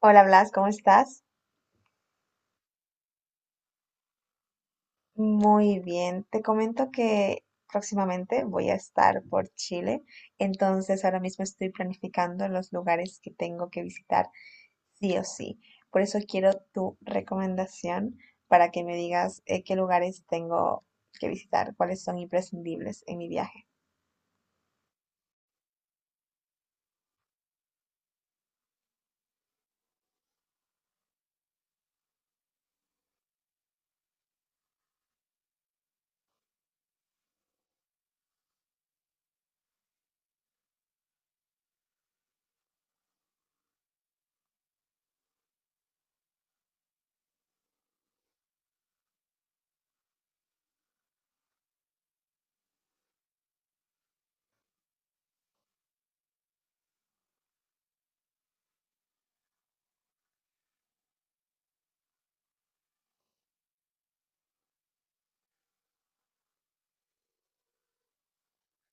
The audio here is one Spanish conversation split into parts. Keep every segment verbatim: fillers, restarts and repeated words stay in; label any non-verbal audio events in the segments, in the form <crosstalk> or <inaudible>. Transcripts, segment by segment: Hola Blas, ¿cómo estás? Muy bien. Te comento que próximamente voy a estar por Chile, entonces ahora mismo estoy planificando los lugares que tengo que visitar sí o sí. Por eso quiero tu recomendación para que me digas eh, qué lugares tengo que visitar, cuáles son imprescindibles en mi viaje.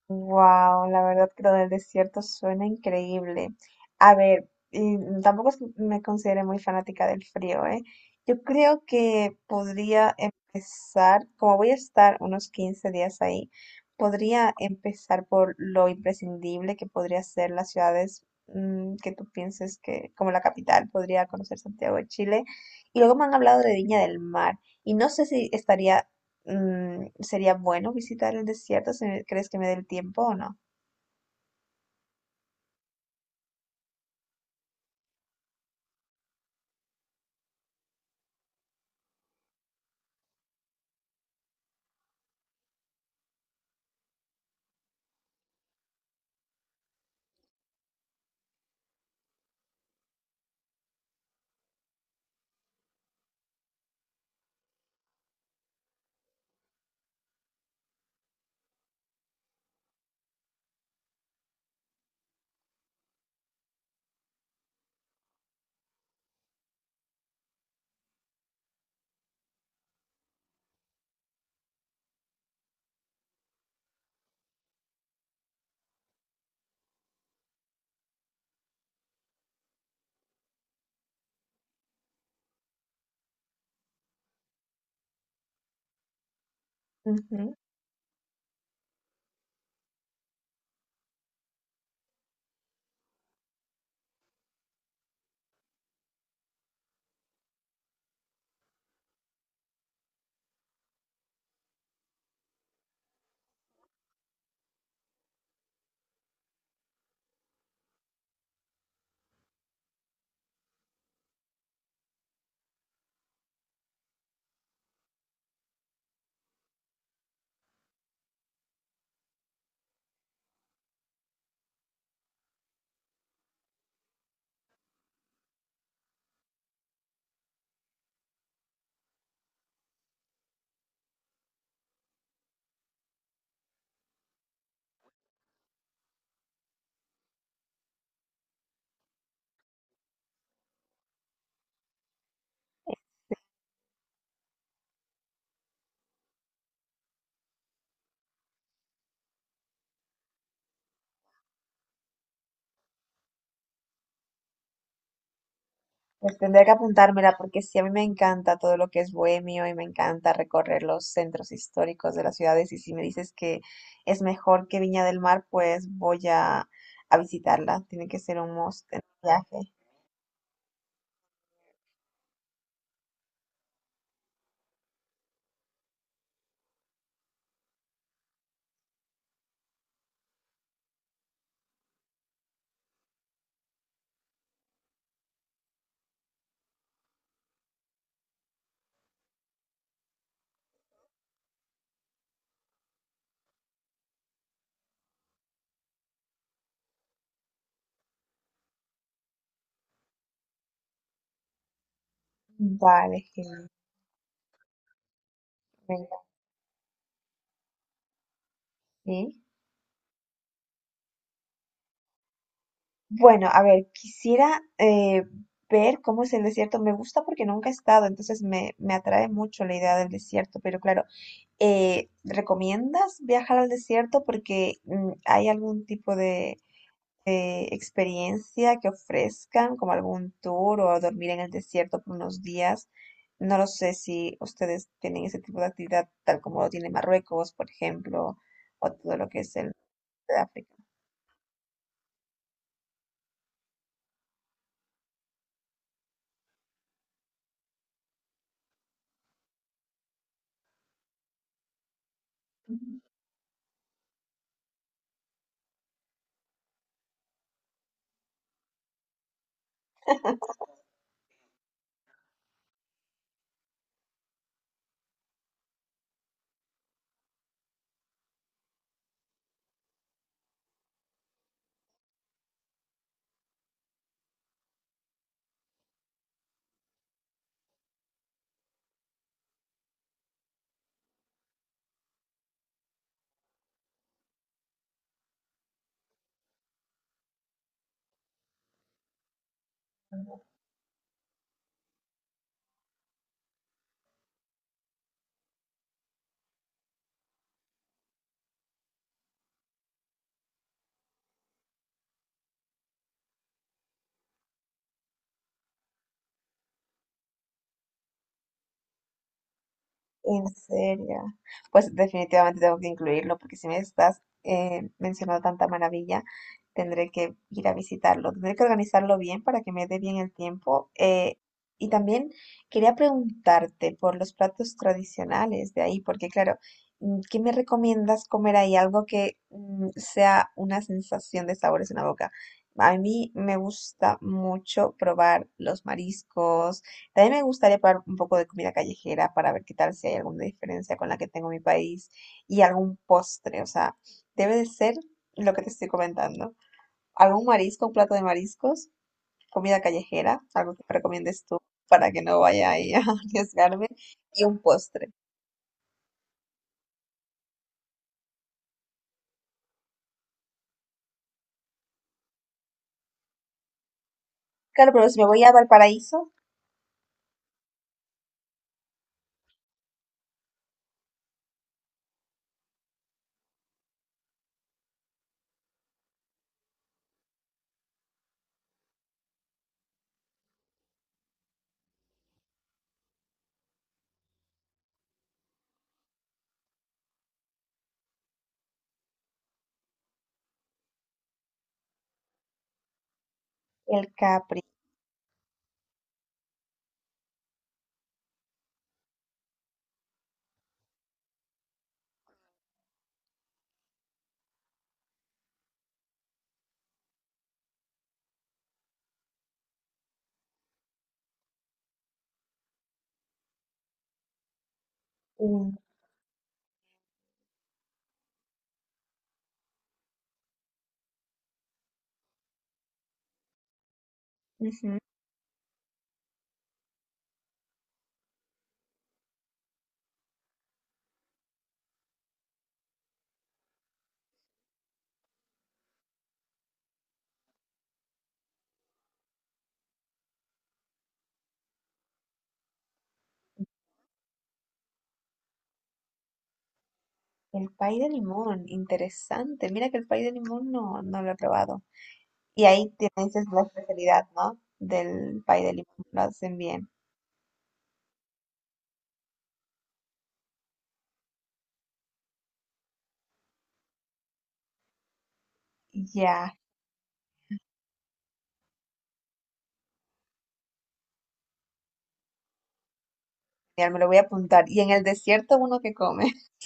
Wow, la verdad que lo del desierto suena increíble. A ver, y tampoco es que me considere muy fanática del frío, ¿eh? Yo creo que podría empezar, como voy a estar unos quince días ahí, podría empezar por lo imprescindible que podría ser las ciudades mm, que tú pienses que, como la capital, podría conocer Santiago de Chile. Y luego me han hablado de Viña del Mar. Y no sé si estaría Mm, sería bueno visitar el desierto si me- crees que me dé el tiempo o no. Ujú. Pues tendría que apuntármela porque sí, a mí me encanta todo lo que es bohemio y me encanta recorrer los centros históricos de las ciudades y si me dices que es mejor que Viña del Mar, pues voy a, a visitarla. Tiene que ser un must en el viaje. Vale, genial. Venga, sí. Bueno, a ver, quisiera eh, ver cómo es el desierto. Me gusta porque nunca he estado, entonces me, me atrae mucho la idea del desierto, pero claro. Eh, ¿recomiendas viajar al desierto? Porque mm, hay algún tipo de, de experiencia que ofrezcan, como algún tour o dormir en el desierto por unos días. No lo sé si ustedes tienen ese tipo de actividad, tal como lo tiene Marruecos, por ejemplo, o todo lo que es el norte de África. En serio. Pues definitivamente tengo que incluirlo porque si me estás eh, mencionando tanta maravilla, tendré que ir a visitarlo. Tendré que organizarlo bien para que me dé bien el tiempo. eh, y también quería preguntarte por los platos tradicionales de ahí, porque claro, mm, ¿qué me recomiendas comer ahí? Algo que mm, sea una sensación de sabores en la boca. A mí me gusta mucho probar los mariscos, también me gustaría probar un poco de comida callejera para ver qué tal si hay alguna diferencia con la que tengo en mi país y algún postre. O sea, debe de ser lo que te estoy comentando. Algún marisco, un plato de mariscos, comida callejera, algo que me recomiendes tú para que no vaya ahí a <laughs> arriesgarme y un postre. Claro, pero si me voy a Valparaíso, el Capri. un- ujú. El pay de limón, interesante. Mira que el pay de limón no, no lo he probado. Y ahí tienes es la especialidad, ¿no? Del pay de limón, lo hacen bien. Ya, genial, me lo voy a apuntar. Y en el desierto uno que come, <laughs>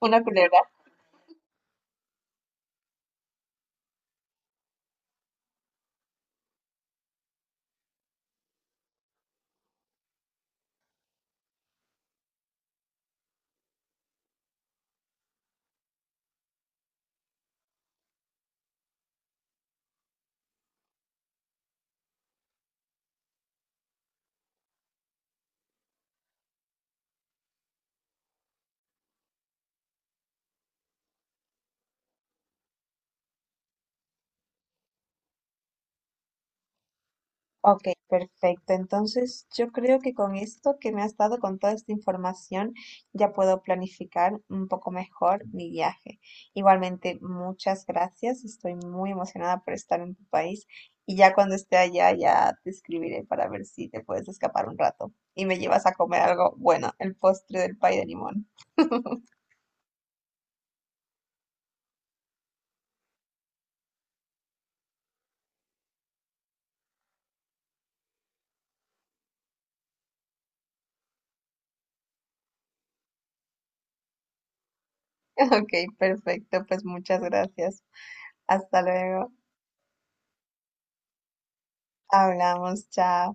una culebra. Ok, perfecto. Entonces, yo creo que con esto que me has dado, con toda esta información, ya puedo planificar un poco mejor mi viaje. Igualmente, muchas gracias. Estoy muy emocionada por estar en tu país y ya cuando esté allá, ya te escribiré para ver si te puedes escapar un rato y me llevas a comer algo bueno, el postre del pay de limón. <laughs> Ok, perfecto. Pues muchas gracias. Hasta luego. Hablamos. Chao.